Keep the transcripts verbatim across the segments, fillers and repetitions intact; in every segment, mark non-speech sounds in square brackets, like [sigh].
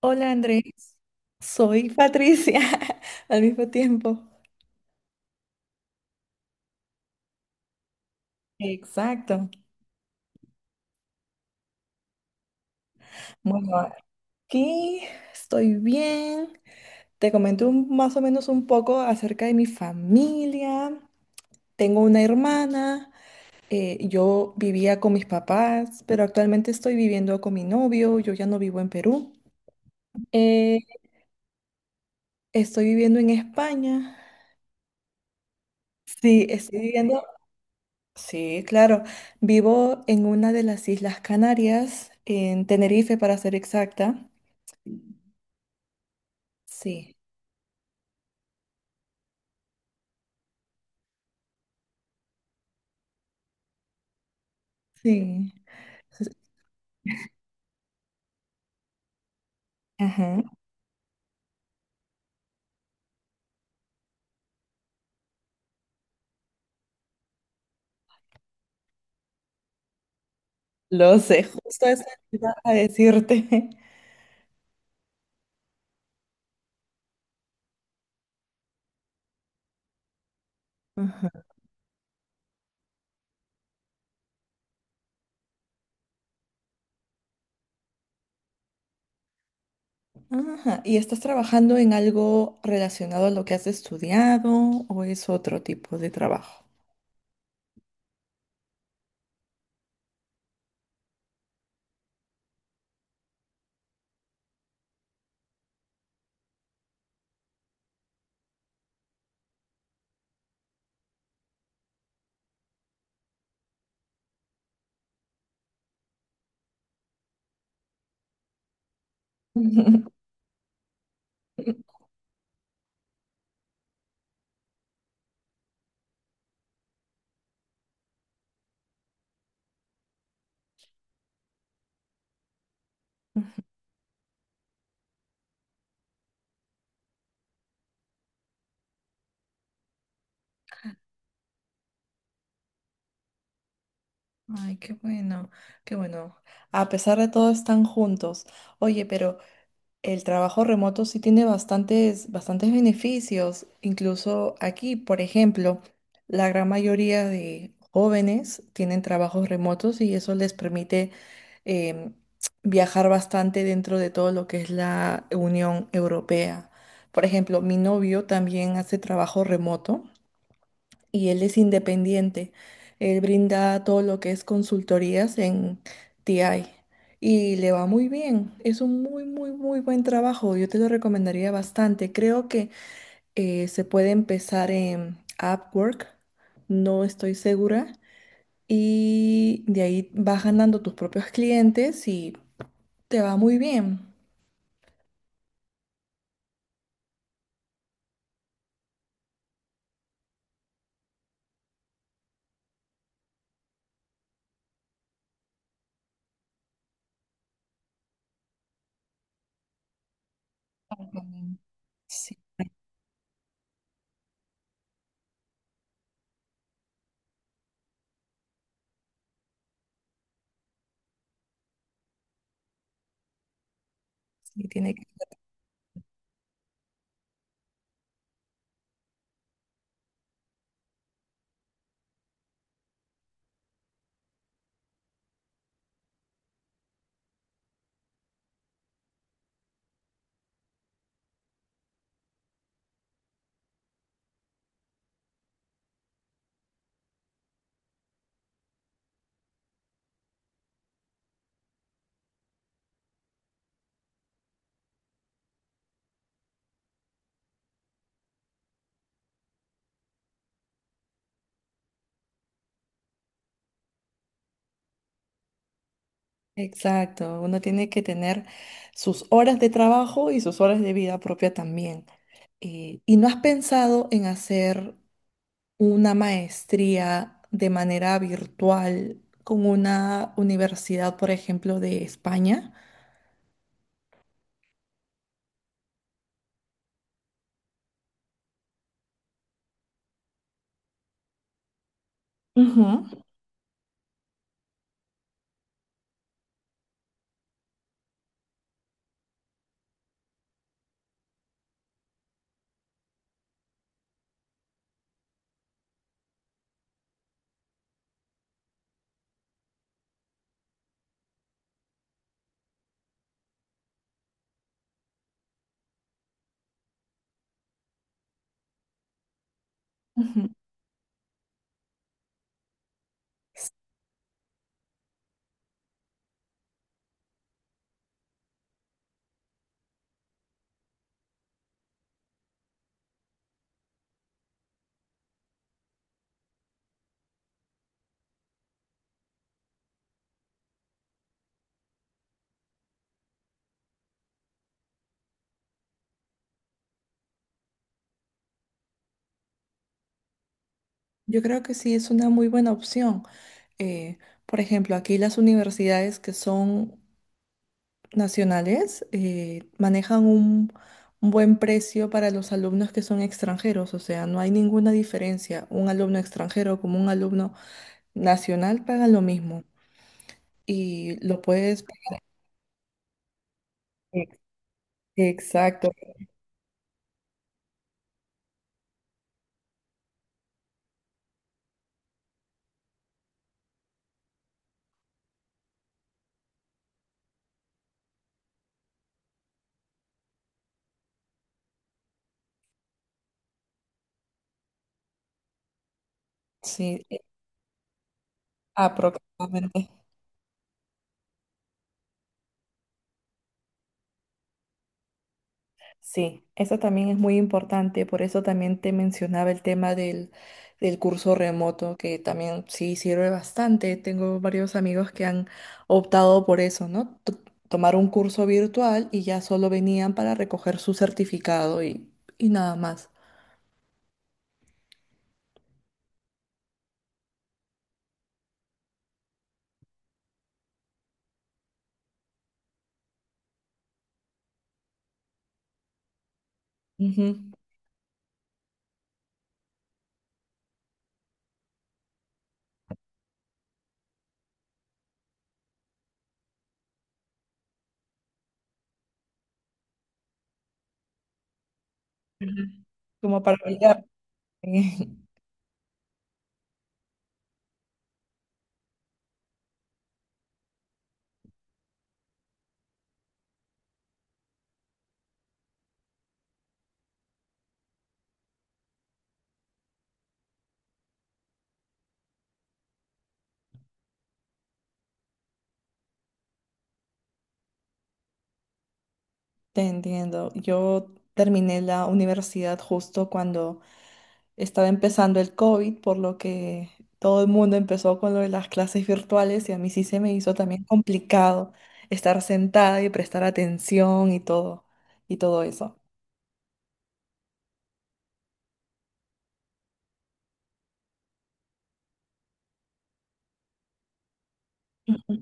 Hola Andrés, soy Patricia [laughs] al mismo tiempo. Exacto. Bueno, aquí estoy bien. Te comento un- más o menos un poco acerca de mi familia. Tengo una hermana. Eh, yo vivía con mis papás, pero actualmente estoy viviendo con mi novio. Yo ya no vivo en Perú. Eh, Estoy viviendo en España. Sí, estoy viviendo. Sí, claro. Vivo en una de las Islas Canarias, en Tenerife para ser exacta. Sí, sí. Ajá. Lo sé, justo eso iba a decirte. [laughs] Ajá. Ajá. ¿Y estás trabajando en algo relacionado a lo que has estudiado o es otro tipo de trabajo? [laughs] Ay, qué bueno, qué bueno. A pesar de todo, están juntos. Oye, pero el trabajo remoto sí tiene bastantes, bastantes beneficios. Incluso aquí, por ejemplo, la gran mayoría de jóvenes tienen trabajos remotos y eso les permite em, viajar bastante dentro de todo lo que es la Unión Europea. Por ejemplo, mi novio también hace trabajo remoto y él es independiente. Él brinda todo lo que es consultorías en T I y le va muy bien. Es un muy, muy, muy buen trabajo. Yo te lo recomendaría bastante. Creo que eh, se puede empezar en Upwork, no estoy segura, y de ahí vas ganando tus propios clientes y te va muy bien. Sí, sí, tiene que- Exacto, uno tiene que tener sus horas de trabajo y sus horas de vida propia también. Eh, ¿y no has pensado en hacer una maestría de manera virtual con una universidad, por ejemplo, de España? Ujú, ujú. Yo creo que sí es una muy buena opción. Eh, por ejemplo, aquí las universidades que son nacionales eh, manejan un, un buen precio para los alumnos que son extranjeros, o sea, no hay ninguna diferencia. Un alumno extranjero como un alumno nacional pagan lo mismo. Y lo puedes... Ex- Exacto, sí, eh, aproximadamente. Sí, eso también es muy importante, por eso también te mencionaba el tema del, del curso remoto, que también sí sirve bastante. Tengo varios amigos que han optado por eso, ¿no? To- tomar un curso virtual y ya solo venían para recoger su certificado y, y nada más. Ujú. Ujú. Como para olvidar. [laughs] Te entiendo. Yo terminé la universidad justo cuando estaba empezando el COVID, por lo que todo el mundo empezó con lo de las clases virtuales y a mí sí se me hizo también complicado estar sentada y prestar atención y todo, y todo eso. Ujú.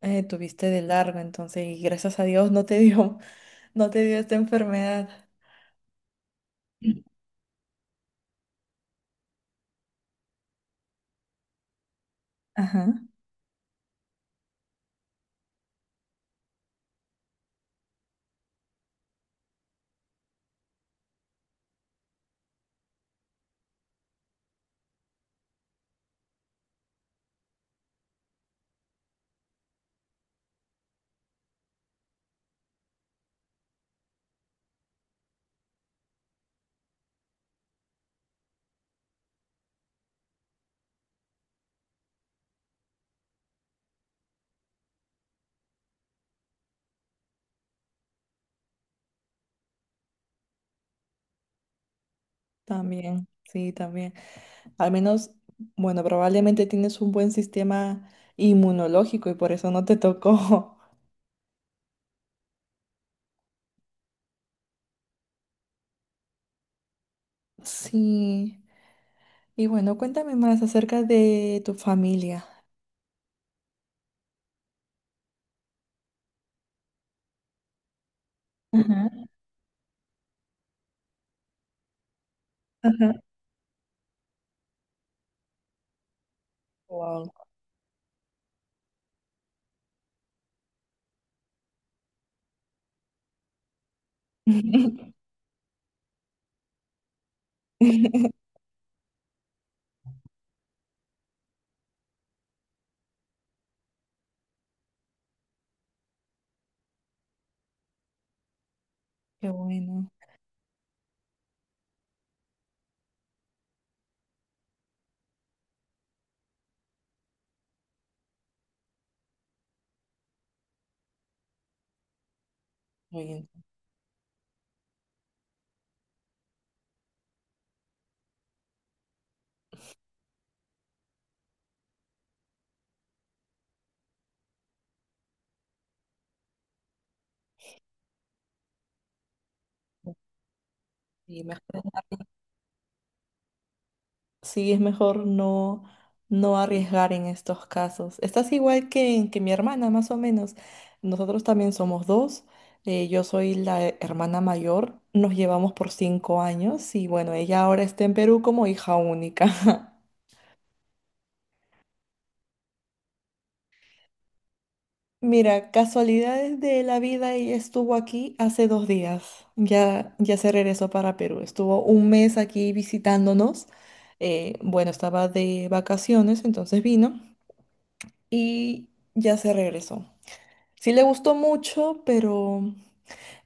Eh, tuviste de largo, entonces, y gracias a Dios no te [laughs] dio, no te dio esta enfermedad. Ujú. Ajá. También, sí, también. Al menos, bueno, probablemente tienes un buen sistema inmunológico y por eso no te tocó. [laughs] Sí. Y bueno, cuéntame más acerca de tu familia. Ajá, ajá. Wow. [laughs] Qué bueno. Muy bien. Sí. Sí, es mejor no, no arriesgar en estos casos. Estás igual que, que mi hermana, más o menos. Nosotros también somos dos. Eh, yo soy la hermana mayor. Nos llevamos por cinco años y bueno, ella ahora está en Perú como hija única. [laughs] Mira, casualidades de la vida, ella estuvo aquí hace dos días. Ya, ya se regresó para Perú. Estuvo un mes aquí visitándonos. Eh, bueno, estaba de vacaciones, entonces vino y ya se regresó. Sí le gustó mucho, pero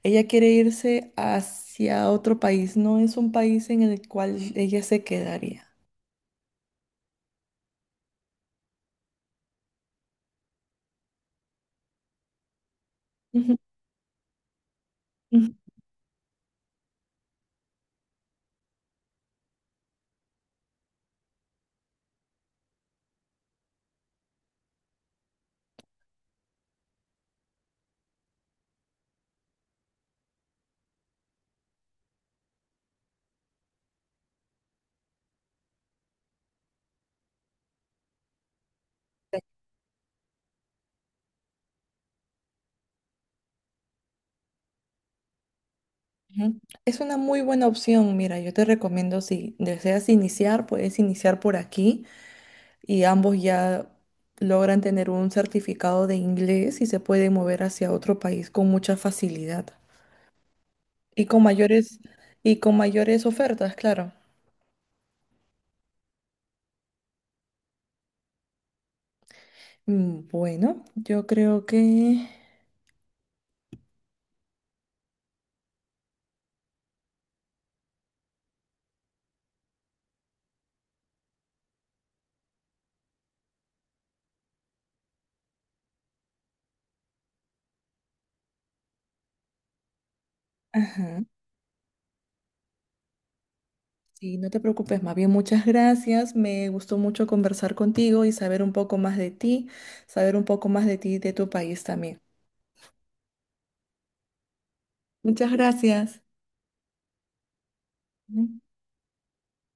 ella quiere irse hacia otro país. No es un país en el cual ella se quedaría. Ujú, ujú. Ujú. Es una muy buena opción. Mira, yo te recomiendo si deseas iniciar, puedes iniciar por aquí y ambos ya logran tener un certificado de inglés y se pueden mover hacia otro país con mucha facilidad y con mayores y con mayores ofertas, claro. Mm, bueno, yo creo que Ajá. Sí, no te preocupes, más bien muchas gracias. Me gustó mucho conversar contigo y saber un poco más de ti, saber un poco más de ti y de tu país también. Muchas gracias. Ujú.